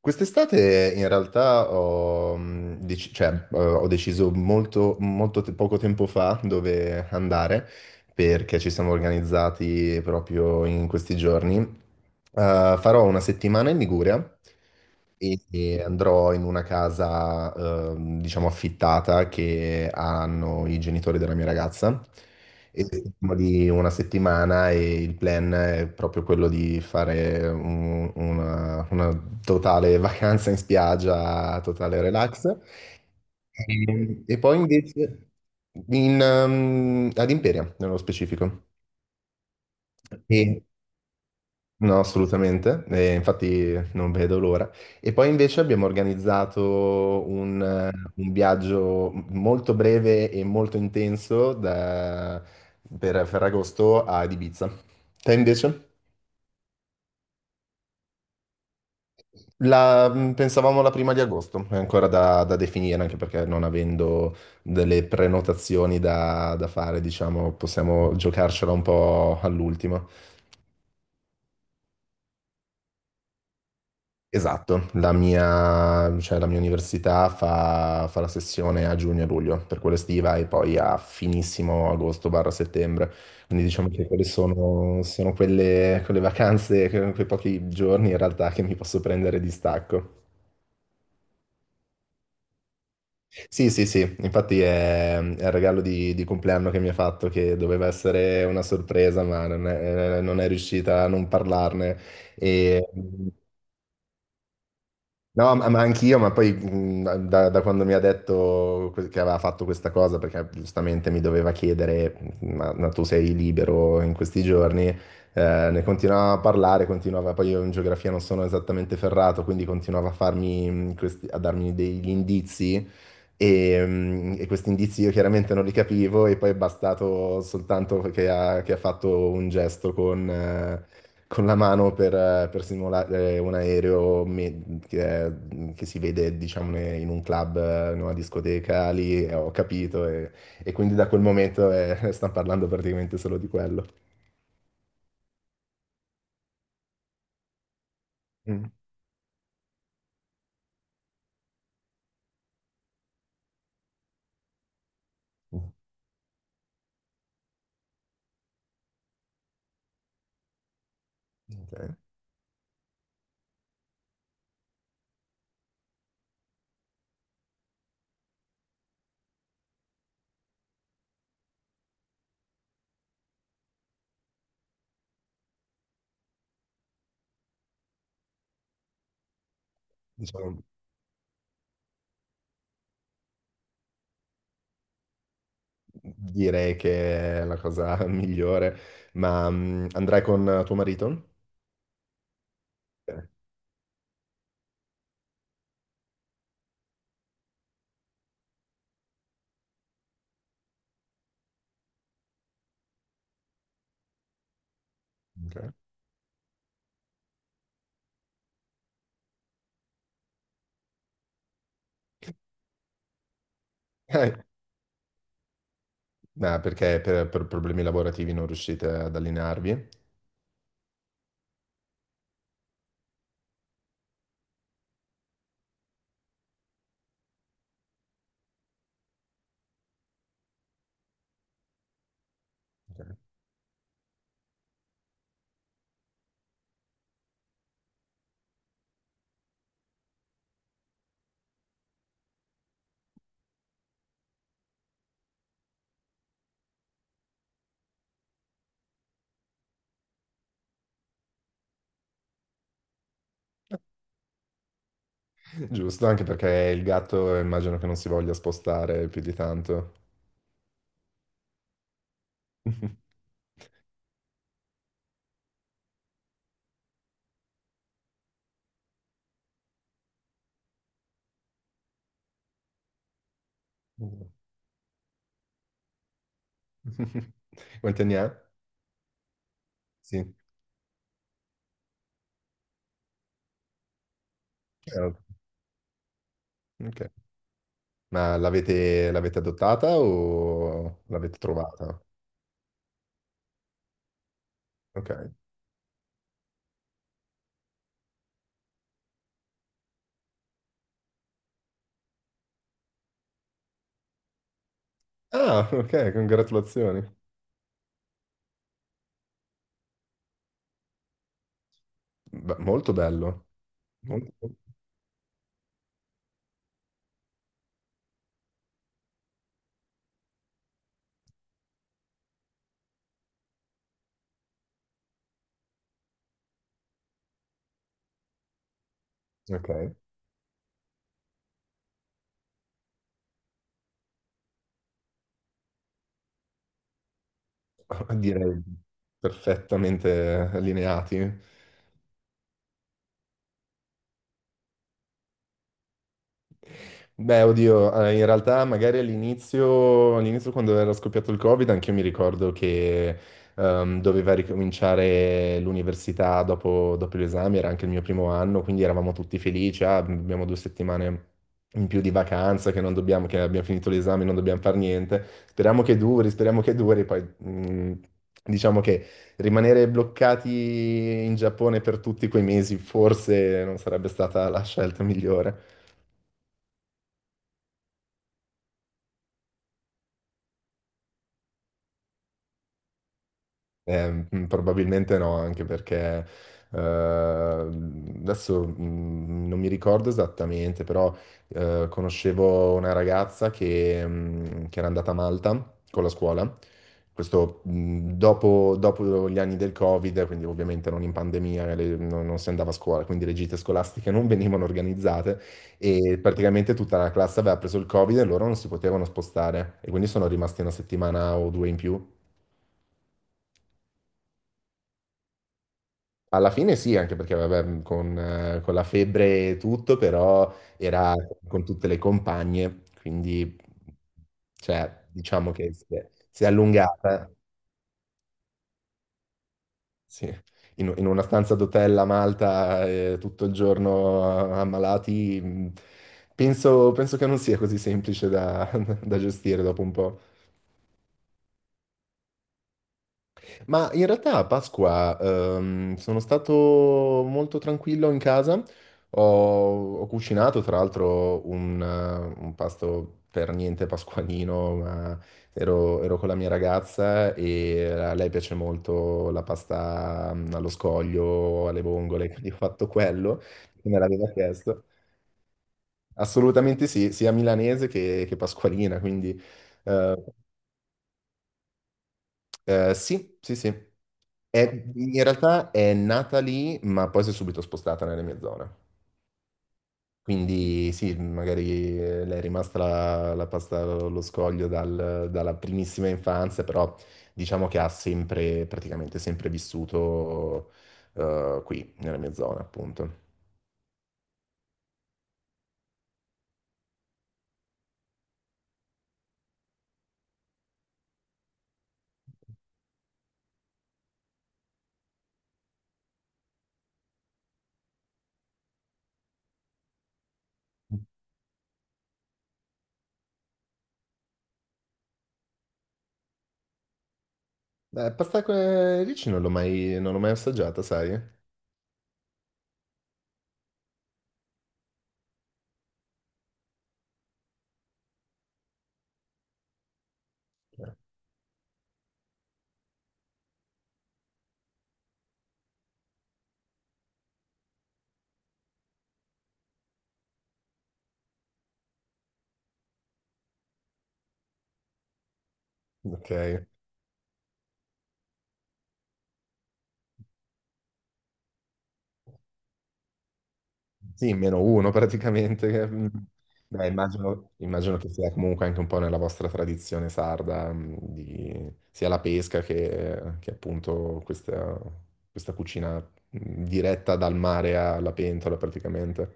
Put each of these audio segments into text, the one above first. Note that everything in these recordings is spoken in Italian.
Quest'estate in realtà ho deciso poco tempo fa dove andare perché ci siamo organizzati proprio in questi giorni. Farò una settimana in Liguria e andrò in una casa, diciamo, affittata che hanno i genitori della mia ragazza. E siamo lì una settimana e il plan è proprio quello di fare una totale vacanza in spiaggia, totale relax. E poi invece ad Imperia, nello specifico. E- no, assolutamente, e infatti non vedo l'ora. E poi invece abbiamo organizzato un viaggio molto breve e molto intenso per Ferragosto ad Ibiza. Te invece? Pensavamo la prima di agosto, è ancora da definire, anche perché non avendo delle prenotazioni da fare, diciamo, possiamo giocarcela un po' all'ultimo. Esatto, la mia università fa la sessione a giugno e luglio, per quella estiva, e poi a finissimo agosto barra settembre. Quindi diciamo che quelle vacanze, quei pochi giorni in realtà che mi posso prendere di stacco. Sì, sì, sì, infatti è il regalo di compleanno che mi ha fatto, che doveva essere una sorpresa, ma non è riuscita a non parlarne. E, no, ma anch'io, ma poi da quando mi ha detto che aveva fatto questa cosa, perché giustamente mi doveva chiedere, ma tu sei libero in questi giorni, ne continuava a parlare, continuava, poi io in geografia non sono esattamente ferrato, quindi continuava a farmi, a darmi degli indizi e questi indizi io chiaramente non li capivo e poi è bastato soltanto che ha fatto un gesto con la mano per simulare un aereo che si vede, diciamo, in un club, in una discoteca, lì ho capito e quindi da quel momento stanno parlando praticamente solo di quello. Mm. Ok. Diciamo, direi che è la cosa migliore, ma andrai con tuo marito? Ok. Ok. Eh, ma perché per problemi lavorativi non riuscite ad allinearvi? Ok. Giusto, anche perché il gatto immagino che non si voglia spostare più di tanto. Quanti anni ha? Sì. Eh, ok. L'avete adottata o l'avete trovata? Ok. Ah, ok, congratulazioni. Beh, molto bello. Molto- Ok. Direi perfettamente allineati. Beh, oddio, in realtà magari all'inizio quando era scoppiato il Covid, anche io mi ricordo che doveva ricominciare l'università dopo gli esami, era anche il mio primo anno, quindi eravamo tutti felici, ah, abbiamo due settimane in più di vacanza, che abbiamo finito l'esame, non dobbiamo fare niente, speriamo che duri, poi diciamo che rimanere bloccati in Giappone per tutti quei mesi forse non sarebbe stata la scelta migliore. Probabilmente no, anche perché adesso non mi ricordo esattamente, però conoscevo una ragazza che era andata a Malta con la scuola, questo dopo gli anni del Covid, quindi ovviamente non in pandemia, non si andava a scuola, quindi le gite scolastiche non venivano organizzate e praticamente tutta la classe aveva preso il Covid e loro non si potevano spostare e quindi sono rimasti una settimana o due in più. Alla fine sì, anche perché vabbè, mhmm, con la febbre e tutto, però era con tutte le compagne, quindi cioè, diciamo che si è allungata, sì. In una stanza d'hotel a Malta, tutto il giorno ammalati, penso che non sia così semplice da, da gestire dopo un po'. Ma in realtà a Pasqua sono stato molto tranquillo in casa, ho cucinato tra l'altro un pasto per niente pasqualino, ma ero con la mia ragazza e a lei piace molto la pasta allo scoglio, alle vongole, quindi ho fatto quello che me l'aveva chiesto. Assolutamente sì, sia milanese che pasqualina, quindi eh, sì, sì, sì. In realtà è nata lì, ma poi si è subito spostata nelle mie zone. Quindi sì, magari le è rimasta la pasta allo scoglio dalla primissima infanzia, però diciamo che ha sempre, praticamente sempre vissuto qui, nella mia zona, appunto. Pasta con ricci non l'ho mai assaggiata, sai? Ok. Sì, meno uno praticamente. Mm. Dai, immagino, immagino che sia comunque anche un po' nella vostra tradizione sarda, mm, sia la pesca che appunto questa, questa cucina mm, diretta dal mare alla pentola praticamente.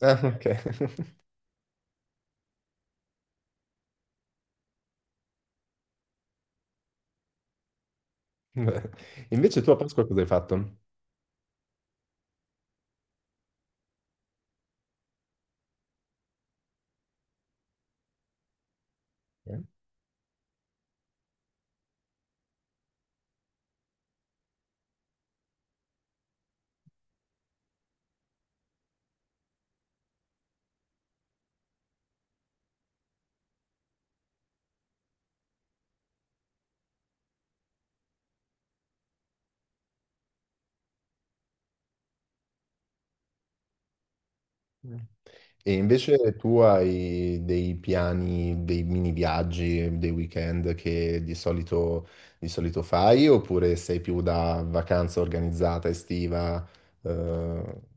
Ah, ok. Beh, invece tu a Pasqua cosa hai fatto? Eh? E invece tu hai dei piani, dei mini viaggi, dei weekend che di solito fai oppure sei più da vacanza organizzata estiva? Eh?